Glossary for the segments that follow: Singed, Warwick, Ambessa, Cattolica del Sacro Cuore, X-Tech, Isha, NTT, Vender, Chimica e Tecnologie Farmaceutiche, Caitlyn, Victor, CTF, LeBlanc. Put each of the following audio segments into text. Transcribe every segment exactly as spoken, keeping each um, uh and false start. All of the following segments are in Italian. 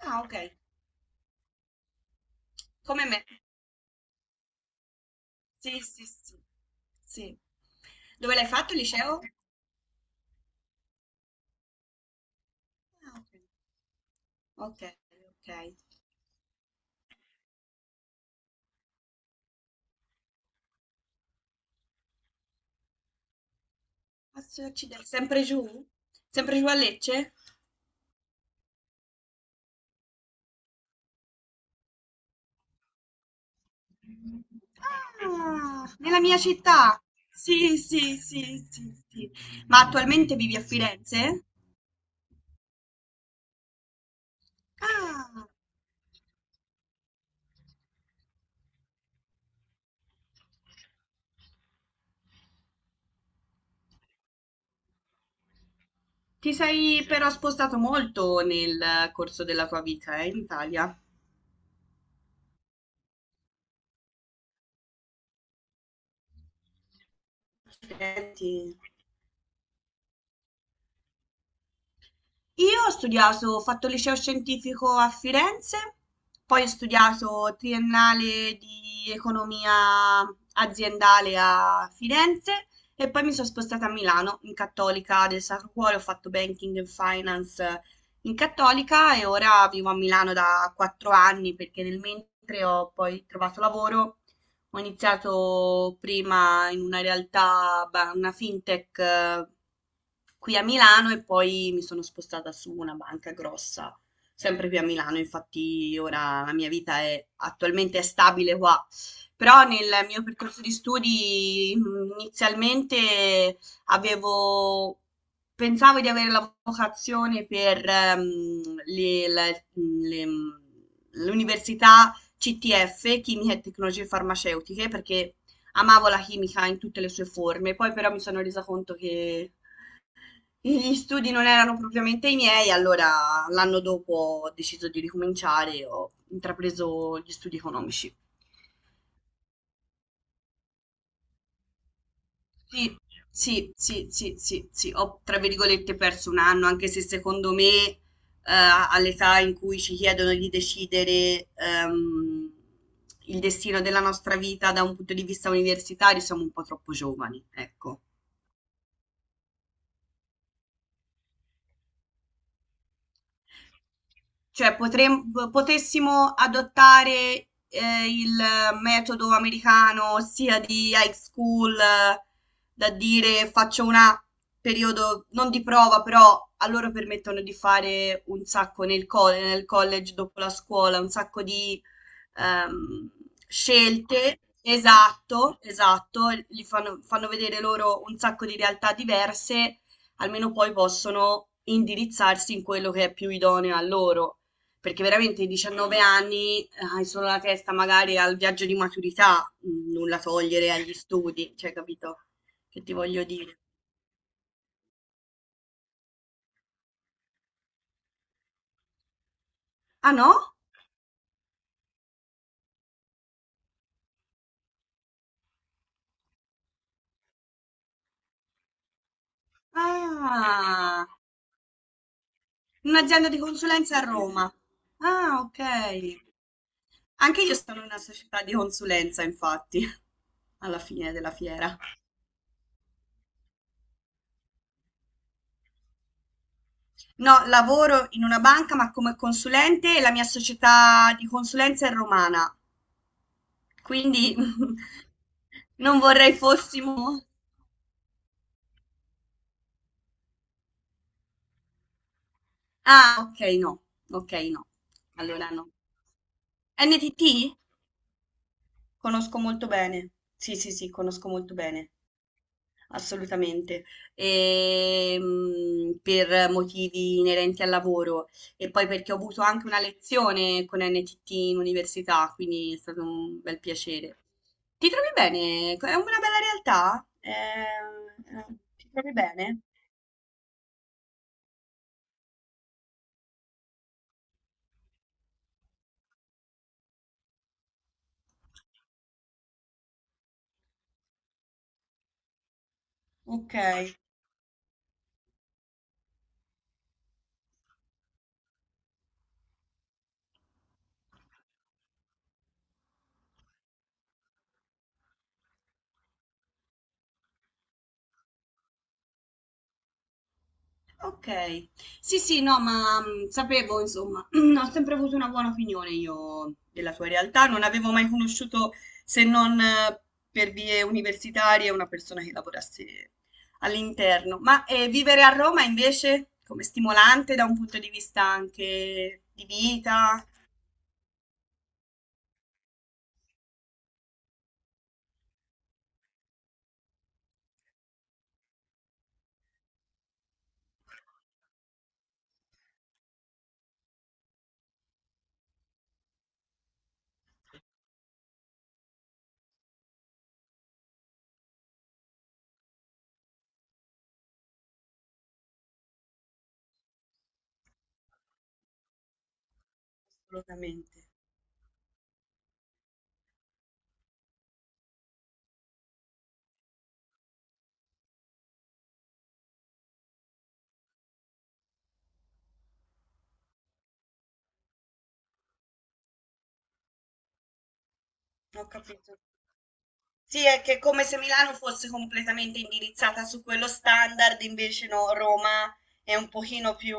Ah, ok. Come me. Sì, sì, sì, sì. Dove l'hai fatto il liceo? Ah, ok, ok. ok. Posso accidere- Sempre giù? Sempre giù a Lecce? Ah, nella mia città. Sì, sì, sì, sì, sì. Ma attualmente vivi a Firenze? Ah, ti sei però spostato molto nel corso della tua vita, eh, in Italia. Accidenti. Io ho studiato, ho fatto il liceo scientifico a Firenze, poi ho studiato triennale di economia aziendale a Firenze e poi mi sono spostata a Milano in Cattolica del Sacro Cuore, ho fatto banking and finance in Cattolica e ora vivo a Milano da quattro anni perché nel mentre ho poi trovato lavoro. Ho iniziato prima in una realtà, ba- una fintech eh, qui a Milano e poi mi sono spostata su una banca grossa, sempre qui a Milano. Infatti ora la mia vita è attualmente è stabile qua. Però nel mio percorso di studi mh, inizialmente avevo, pensavo di avere la vocazione per ehm, le- la- le- l'università C T F, Chimica e Tecnologie Farmaceutiche, perché amavo la chimica in tutte le sue forme. Poi però mi sono resa conto che gli studi non erano propriamente i miei, allora l'anno dopo ho deciso di ricominciare e ho intrapreso gli studi economici. Sì, sì, sì, sì, sì, sì, ho tra virgolette perso un anno, anche se secondo me eh, all'età in cui ci chiedono di decidere ehm, il destino della nostra vita da un punto di vista universitario siamo un po' troppo giovani, ecco. Cioè potrem p potessimo adottare, ehm, il metodo americano ossia di high school, eh, da dire faccio una periodo non di prova, però a loro permettono di fare un sacco nel col nel college dopo la scuola, un sacco di, ehm, scelte. Esatto, esatto, gli fanno fanno vedere loro un sacco di realtà diverse almeno poi possono indirizzarsi in quello che è più idoneo a loro. Perché veramente i diciannove anni eh, hai solo la testa magari al viaggio di maturità, mm, nulla togliere agli studi, cioè capito che ti voglio dire. Ah no? Ah, un'azienda di consulenza a Roma. Ah, ok. Anche io sono in una società di consulenza, infatti, alla fine della fiera. No, lavoro in una banca ma come consulente e la mia società di consulenza è romana, quindi non vorrei fossimo... Ah, ok, no, ok, no. Allora no. N T T? Conosco molto bene. Sì, sì, sì, conosco molto bene. Assolutamente. Ehm, per motivi inerenti al lavoro e poi perché ho avuto anche una lezione con N T T in università, quindi è stato un bel piacere. Ti trovi bene? È una bella realtà? Eh, eh, ti trovi bene? Ok. Okay. Sì, sì, no, ma, mhmm, sapevo insomma, ho sempre avuto una buona opinione io della sua realtà, non avevo mai conosciuto, se non eh, per vie universitarie, una persona che lavorasse all'interno. Ma, ehm, vivere a Roma invece come stimolante da un punto di vista anche di vita? Assolutamente. Ho capito. Sì, è che è come se Milano fosse completamente indirizzata su quello standard, invece no, Roma è un pochino più.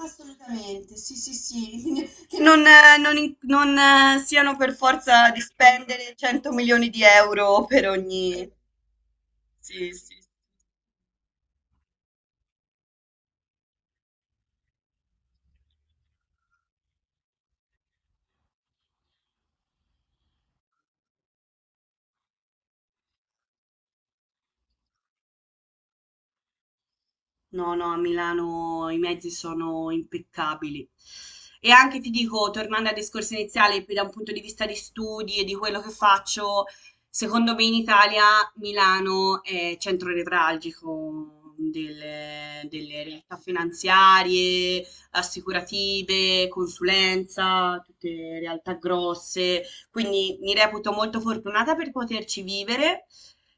Assolutamente, sì, sì, sì, che non, eh, non in- non, eh, siano per forza di spendere cento milioni di euro milioni di euro per ogni... Sì, sì, No, no, a Milano i mezzi sono impeccabili. E anche ti dico, tornando al discorso iniziale, più da un punto di vista di studi e di quello che faccio, secondo me in Italia Milano è centro nevralgico delle, delle realtà finanziarie, assicurative, consulenza, tutte realtà grosse. Quindi mi reputo molto fortunata per poterci vivere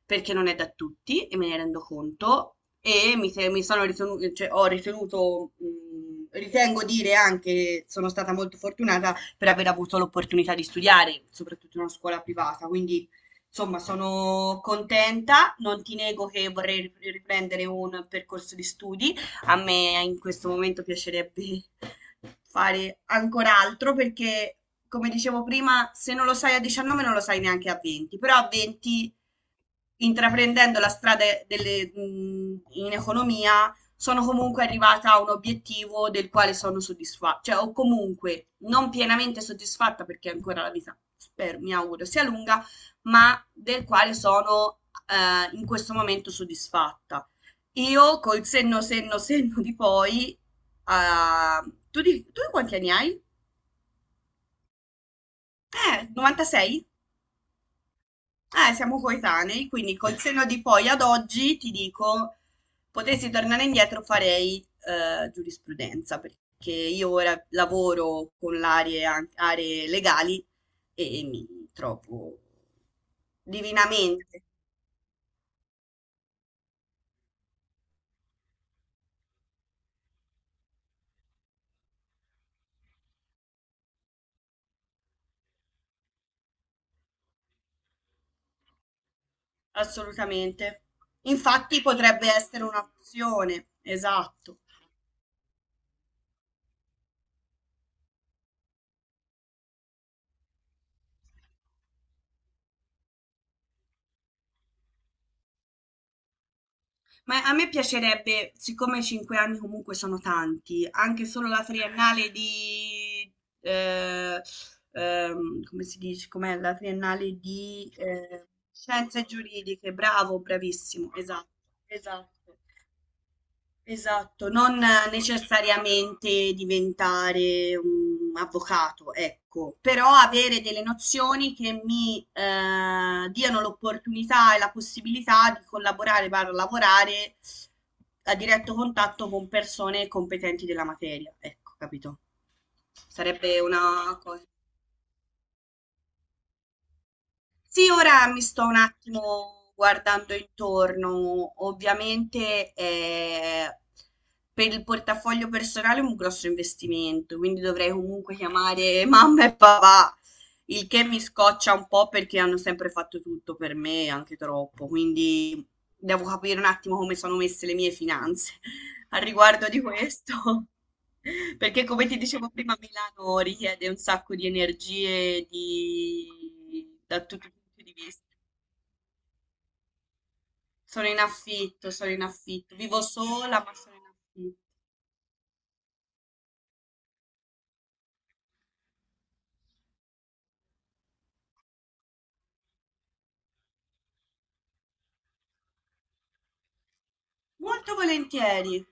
perché non è da tutti e me ne rendo conto e mi, se- mi sono ritenuto, cioè, ho ritenuto, mh, ritengo dire anche, sono stata molto fortunata per aver avuto l'opportunità di studiare, soprattutto in una scuola privata, quindi insomma sono contenta, non ti nego che vorrei rip- riprendere un percorso di studi, a me in questo momento piacerebbe fare ancora altro perché, come dicevo prima, se non lo sai a diciannove non lo sai neanche a venti, però a venti intraprendendo la strada delle- mh, in economia, sono comunque arrivata a un obiettivo del quale sono soddisfatta, cioè o comunque non pienamente soddisfatta perché ancora la vita, spero, mi auguro, sia lunga, ma del quale sono eh, in questo momento soddisfatta. Io col senno, senno, senno di poi, eh, tu, di, tu quanti anni hai? Eh, novantasei? Eh, siamo coetanei, quindi col senno di poi ad oggi ti dico, potessi tornare indietro farei eh, giurisprudenza, perché io ora lavoro con l'area, an- aree legali e mi trovo divinamente, assolutamente. Infatti potrebbe essere un'opzione, esatto. Ma a me piacerebbe, siccome cinque anni comunque sono tanti, anche solo la triennale di... eh, ehm, come si dice? Com'è la triennale di eh, scienze giuridiche? Bravo, bravissimo, esatto, esatto. Esatto, non necessariamente diventare un avvocato, ecco, però avere delle nozioni che mi eh, diano l'opportunità e la possibilità di collaborare, barra lavorare a diretto contatto con persone competenti della materia, ecco, capito? Sarebbe una cosa. Sì, ora mi sto un attimo guardando intorno. Ovviamente eh, per il portafoglio personale è un grosso investimento, quindi dovrei comunque chiamare mamma e papà il che mi scoccia un po' perché hanno sempre fatto tutto per me, anche troppo, quindi devo capire un attimo come sono messe le mie finanze a riguardo di questo. Perché come ti dicevo prima, Milano richiede un sacco di energie di... da tutti i punti di vista. Sono in affitto, sono in affitto. Vivo sola, ma sono in affitto. Molto volentieri,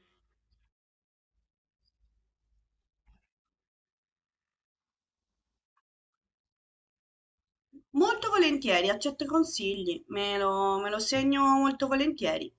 molto volentieri, accetto i consigli, me lo me lo segno molto volentieri.